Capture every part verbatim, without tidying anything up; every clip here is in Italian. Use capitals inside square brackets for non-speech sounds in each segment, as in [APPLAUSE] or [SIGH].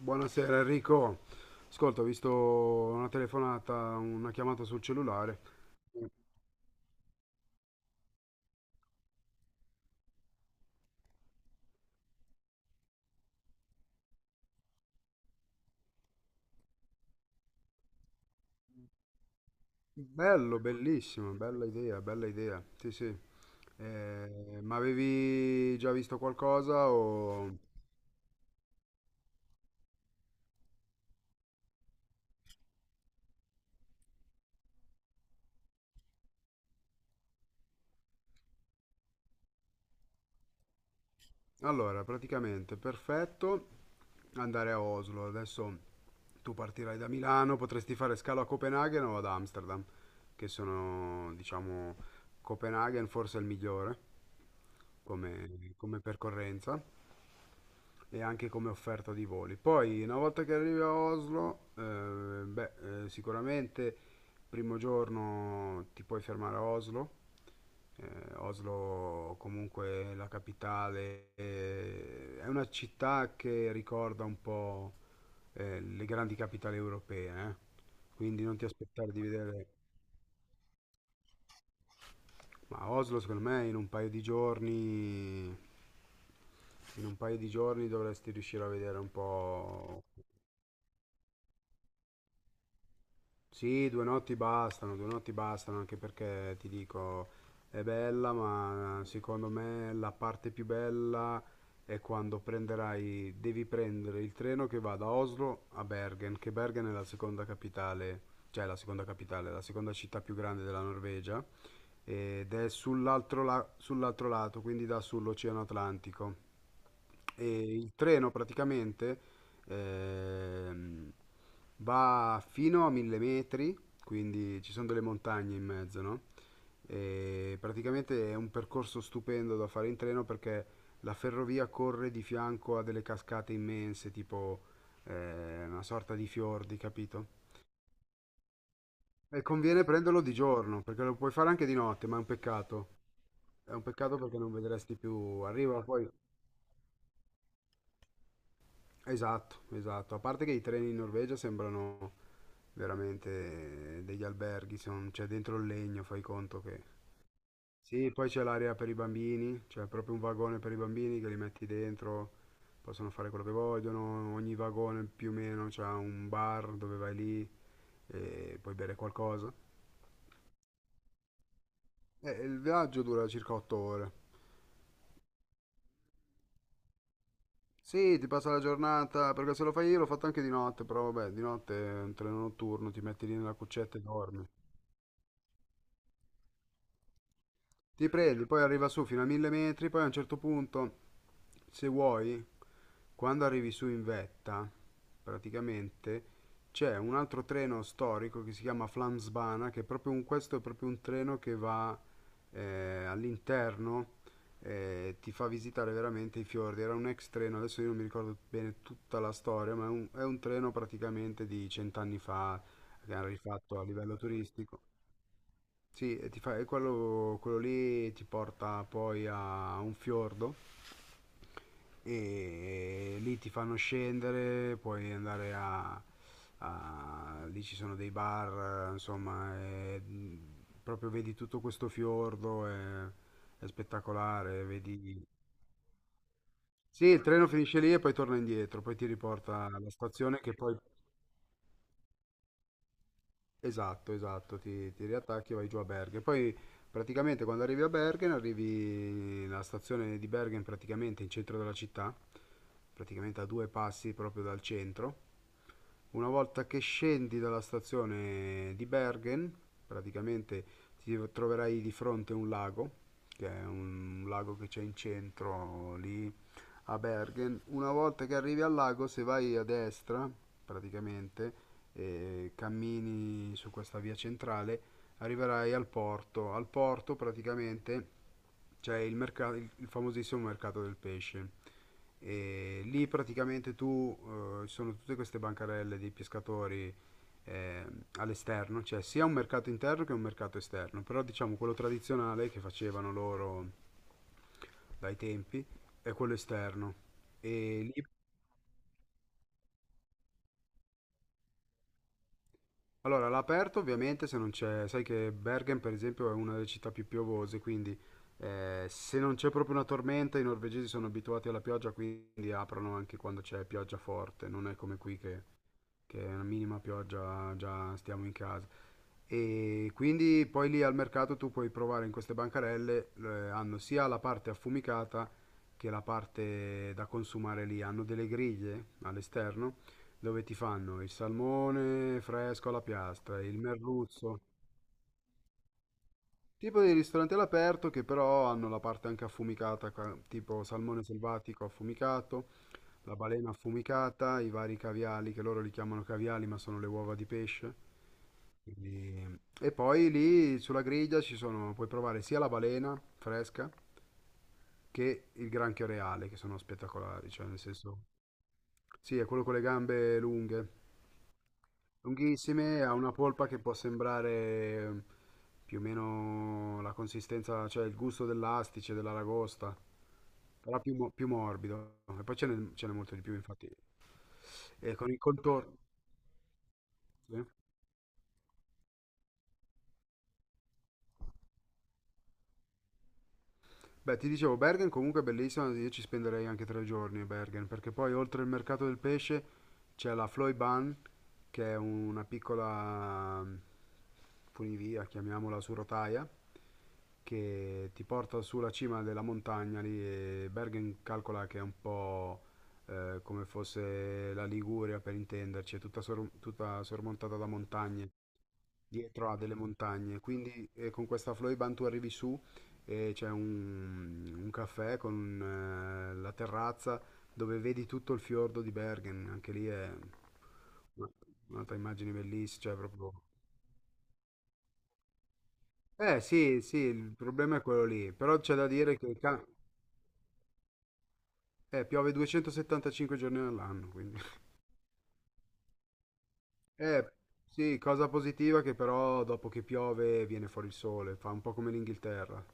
Buonasera Enrico. Ascolta, ho visto una telefonata, una chiamata sul cellulare. Bello, bellissimo, bella idea, bella idea. Sì, sì. Eh, ma avevi già visto qualcosa o... Allora, praticamente perfetto andare a Oslo. Adesso tu partirai da Milano, potresti fare scalo a Copenaghen o ad Amsterdam, che sono, diciamo, Copenaghen forse è il migliore come, come percorrenza. E anche come offerta di voli. Poi, una volta che arrivi a Oslo, eh, beh, eh, sicuramente primo giorno ti puoi fermare a Oslo. Eh, Oslo, comunque è la capitale, eh, è una città che ricorda un po' eh, le grandi capitali europee, eh. Quindi non ti aspettare di vedere... Ma Oslo, secondo me, in un paio di giorni... In un paio di giorni dovresti riuscire a vedere un po'. Sì, due notti bastano, due notti bastano, anche perché ti dico, è bella, ma secondo me la parte più bella è quando prenderai, devi prendere il treno che va da Oslo a Bergen, che Bergen è la seconda capitale, cioè la seconda capitale, la seconda città più grande della Norvegia, ed è sull'altro la- sull'altro lato, quindi dà sull'Oceano Atlantico. E il treno praticamente ehm, va fino a mille metri, quindi ci sono delle montagne in mezzo, no? E praticamente è un percorso stupendo da fare in treno perché la ferrovia corre di fianco a delle cascate immense, tipo eh, una sorta di fiordi, capito? E conviene prenderlo di giorno, perché lo puoi fare anche di notte, ma è un peccato. È un peccato perché non vedresti più. Arriva poi. Esatto, esatto. A parte che i treni in Norvegia sembrano veramente degli alberghi, son- c'è dentro il legno, fai conto che... Sì, poi c'è l'area per i bambini, c'è proprio un vagone per i bambini che li metti dentro, possono fare quello che vogliono, ogni vagone più o meno c'ha un bar dove vai lì e puoi bere qualcosa. E il viaggio dura circa otto ore. Sì, ti passa la giornata, perché se lo fai, io l'ho fatto anche di notte, però vabbè, di notte è un treno notturno, ti metti lì nella cuccetta e dormi. Ti prendi, poi arriva su fino a mille metri, poi a un certo punto, se vuoi, quando arrivi su in vetta, praticamente c'è un altro treno storico che si chiama Flamsbana, che è proprio un, questo è proprio un treno che va eh, all'interno e ti fa visitare veramente i fiordi. Era un ex treno, adesso io non mi ricordo bene tutta la storia, ma è un, è un treno praticamente di cent'anni fa che hanno rifatto a livello turistico. Sì, e ti fa- e quello, quello lì ti porta poi a un fiordo e lì ti fanno scendere, puoi andare a, a- lì ci sono dei bar, eh, insomma, e, mh, proprio vedi tutto questo fiordo, è, è spettacolare, vedi... Sì, il treno finisce lì e poi torna indietro, poi ti riporta alla stazione che poi... Esatto, esatto, ti, ti riattacchi e vai giù a Bergen. Poi praticamente quando arrivi a Bergen, arrivi nella stazione di Bergen, praticamente in centro della città, praticamente a due passi proprio dal centro. Una volta che scendi dalla stazione di Bergen, praticamente ti troverai di fronte un lago, che è un lago che c'è in centro lì a Bergen, una volta che arrivi al lago, se vai a destra, praticamente, e cammini su questa via centrale, arriverai al porto. Al porto, praticamente, c'è il mercato, il il famosissimo mercato del pesce. E lì praticamente tu eh, ci sono tutte queste bancarelle dei pescatori eh, all'esterno, c'è sia un mercato interno che un mercato esterno, però diciamo quello tradizionale che facevano loro dai tempi è quello esterno. E lì- allora, all'aperto ovviamente se non c'è, sai che Bergen per esempio è una delle città più piovose, quindi eh, se non c'è proprio una tormenta, i norvegesi sono abituati alla pioggia, quindi aprono anche quando c'è pioggia forte, non è come qui che che è una minima pioggia, già stiamo in casa. E quindi poi lì al mercato tu puoi provare in queste bancarelle, eh, hanno sia la parte affumicata che la parte da consumare lì, hanno delle griglie all'esterno dove ti fanno il salmone fresco alla piastra, il merluzzo, tipo dei ristoranti all'aperto che però hanno la parte anche affumicata, ca- tipo salmone selvatico affumicato, la balena affumicata, i vari caviali che loro li chiamano caviali ma sono le uova di pesce. E, e poi lì sulla griglia ci sono, puoi provare sia la balena fresca che il granchio reale, che sono spettacolari, cioè nel senso, sì, è quello con le gambe lunghe, lunghissime, ha una polpa che può sembrare eh, più o meno la consistenza, cioè il gusto dell'astice, dell'aragosta, però più, mo- più morbido. E poi ce n'è ce n'è molto di più, infatti. E con il contorno. Sì. Beh, ti dicevo, Bergen comunque è bellissima, io ci spenderei anche tre giorni a Bergen, perché poi oltre il mercato del pesce c'è la Floyban, che è una piccola mm, funivia, chiamiamola su rotaia, che ti porta sulla cima della montagna lì, e Bergen calcola che è un po' eh, come fosse la Liguria, per intenderci, è tutta, sor- tutta sormontata da montagne, dietro a delle montagne, quindi eh, con questa Floyban tu arrivi su e c'è un, un caffè con eh, la terrazza dove vedi tutto il fiordo di Bergen, anche lì è una- un'altra immagine bellissima, cioè proprio... Eh sì, sì, il problema è quello lì, però c'è da dire che il ca- eh, piove duecentosettantacinque giorni all'anno, quindi... Eh sì, cosa positiva che però dopo che piove viene fuori il sole, fa un po' come l'Inghilterra.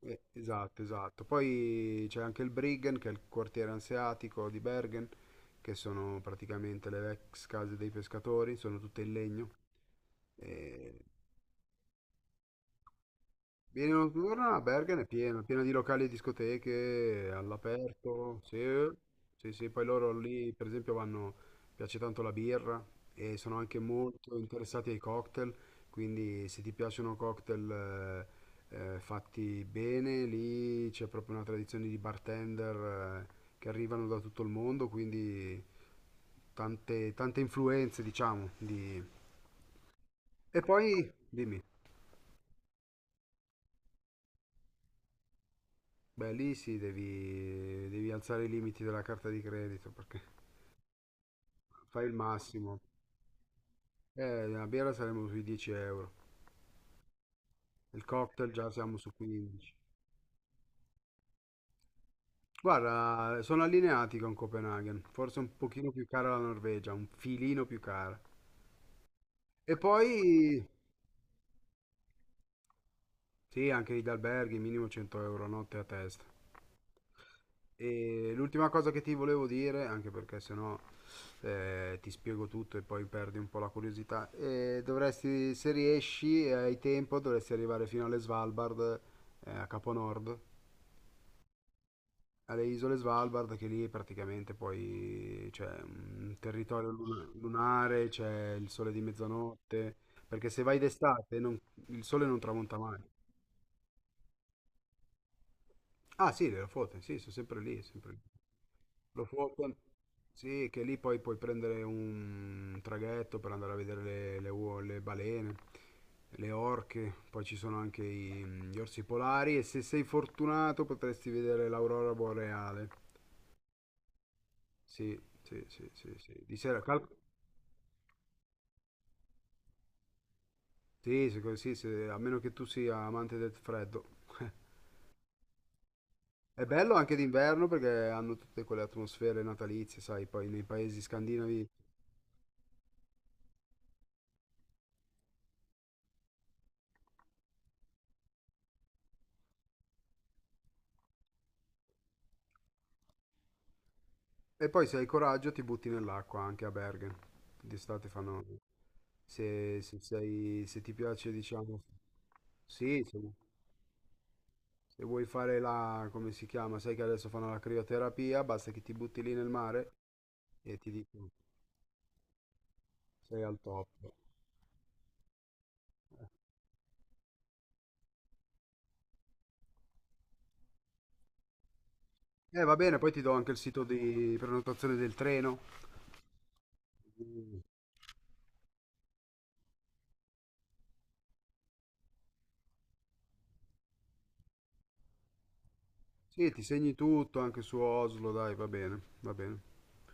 Eh, Esatto, esatto. Poi c'è anche il Briggen, che è il quartiere anseatico di Bergen, che sono praticamente le ex case dei pescatori, sono tutte in legno. E vieni notturna a Bergen è piena, piena di locali e discoteche all'aperto, sì, sì, sì, poi loro lì per esempio vanno, piace tanto la birra e sono anche molto interessati ai cocktail, quindi se ti piacciono cocktail, eh, eh, fatti bene, lì c'è proprio una tradizione di bartender eh, che arrivano da tutto il mondo, quindi tante, tante influenze diciamo di... E poi, dimmi. Beh, lì sì, devi, devi alzare i limiti della carta di credito perché [LAUGHS] fai il massimo. Eh, la birra saremo sui dieci euro, il cocktail già siamo su quindici. Guarda, sono allineati con Copenaghen, forse un pochino più cara la Norvegia, un filino più cara. E poi, sì, anche gli alberghi, minimo cento euro a notte a testa. E l'ultima cosa che ti volevo dire, anche perché sennò eh, ti spiego tutto e poi perdi un po' la curiosità, eh, dovresti, se riesci e hai tempo, dovresti arrivare fino alle Svalbard, eh, a Capo Nord, alle isole Svalbard, che lì praticamente poi c'è un territorio luna- lunare, c'è il sole di mezzanotte, perché se vai d'estate non- il sole non tramonta mai. Ah sì, le Lofoten, sì, sono sempre lì, sempre lì. Lo fu- con- sì, che lì poi puoi prendere un traghetto per andare a vedere le, le uo- le balene, le orche, poi ci sono anche i- gli orsi polari e se sei fortunato potresti vedere l'aurora boreale. Sì, sì, sì, sì, sì. Di sera, cal- sì, se- sì, se- a meno che tu sia amante del freddo. [LAUGHS] È bello anche d'inverno perché hanno tutte quelle atmosfere natalizie, sai, poi nei paesi scandinavi. E poi se hai coraggio ti butti nell'acqua anche a Bergen. D'estate fanno... Se, se sei- se ti piace, diciamo... Sì, se, se vuoi fare la... come si chiama? Sai che adesso fanno la crioterapia, basta che ti butti lì nel mare e ti dico sei al top. Eh, va bene, poi ti do anche il sito di prenotazione del treno. Mm. Sì, ti segni tutto anche su Oslo, dai, va bene, va bene.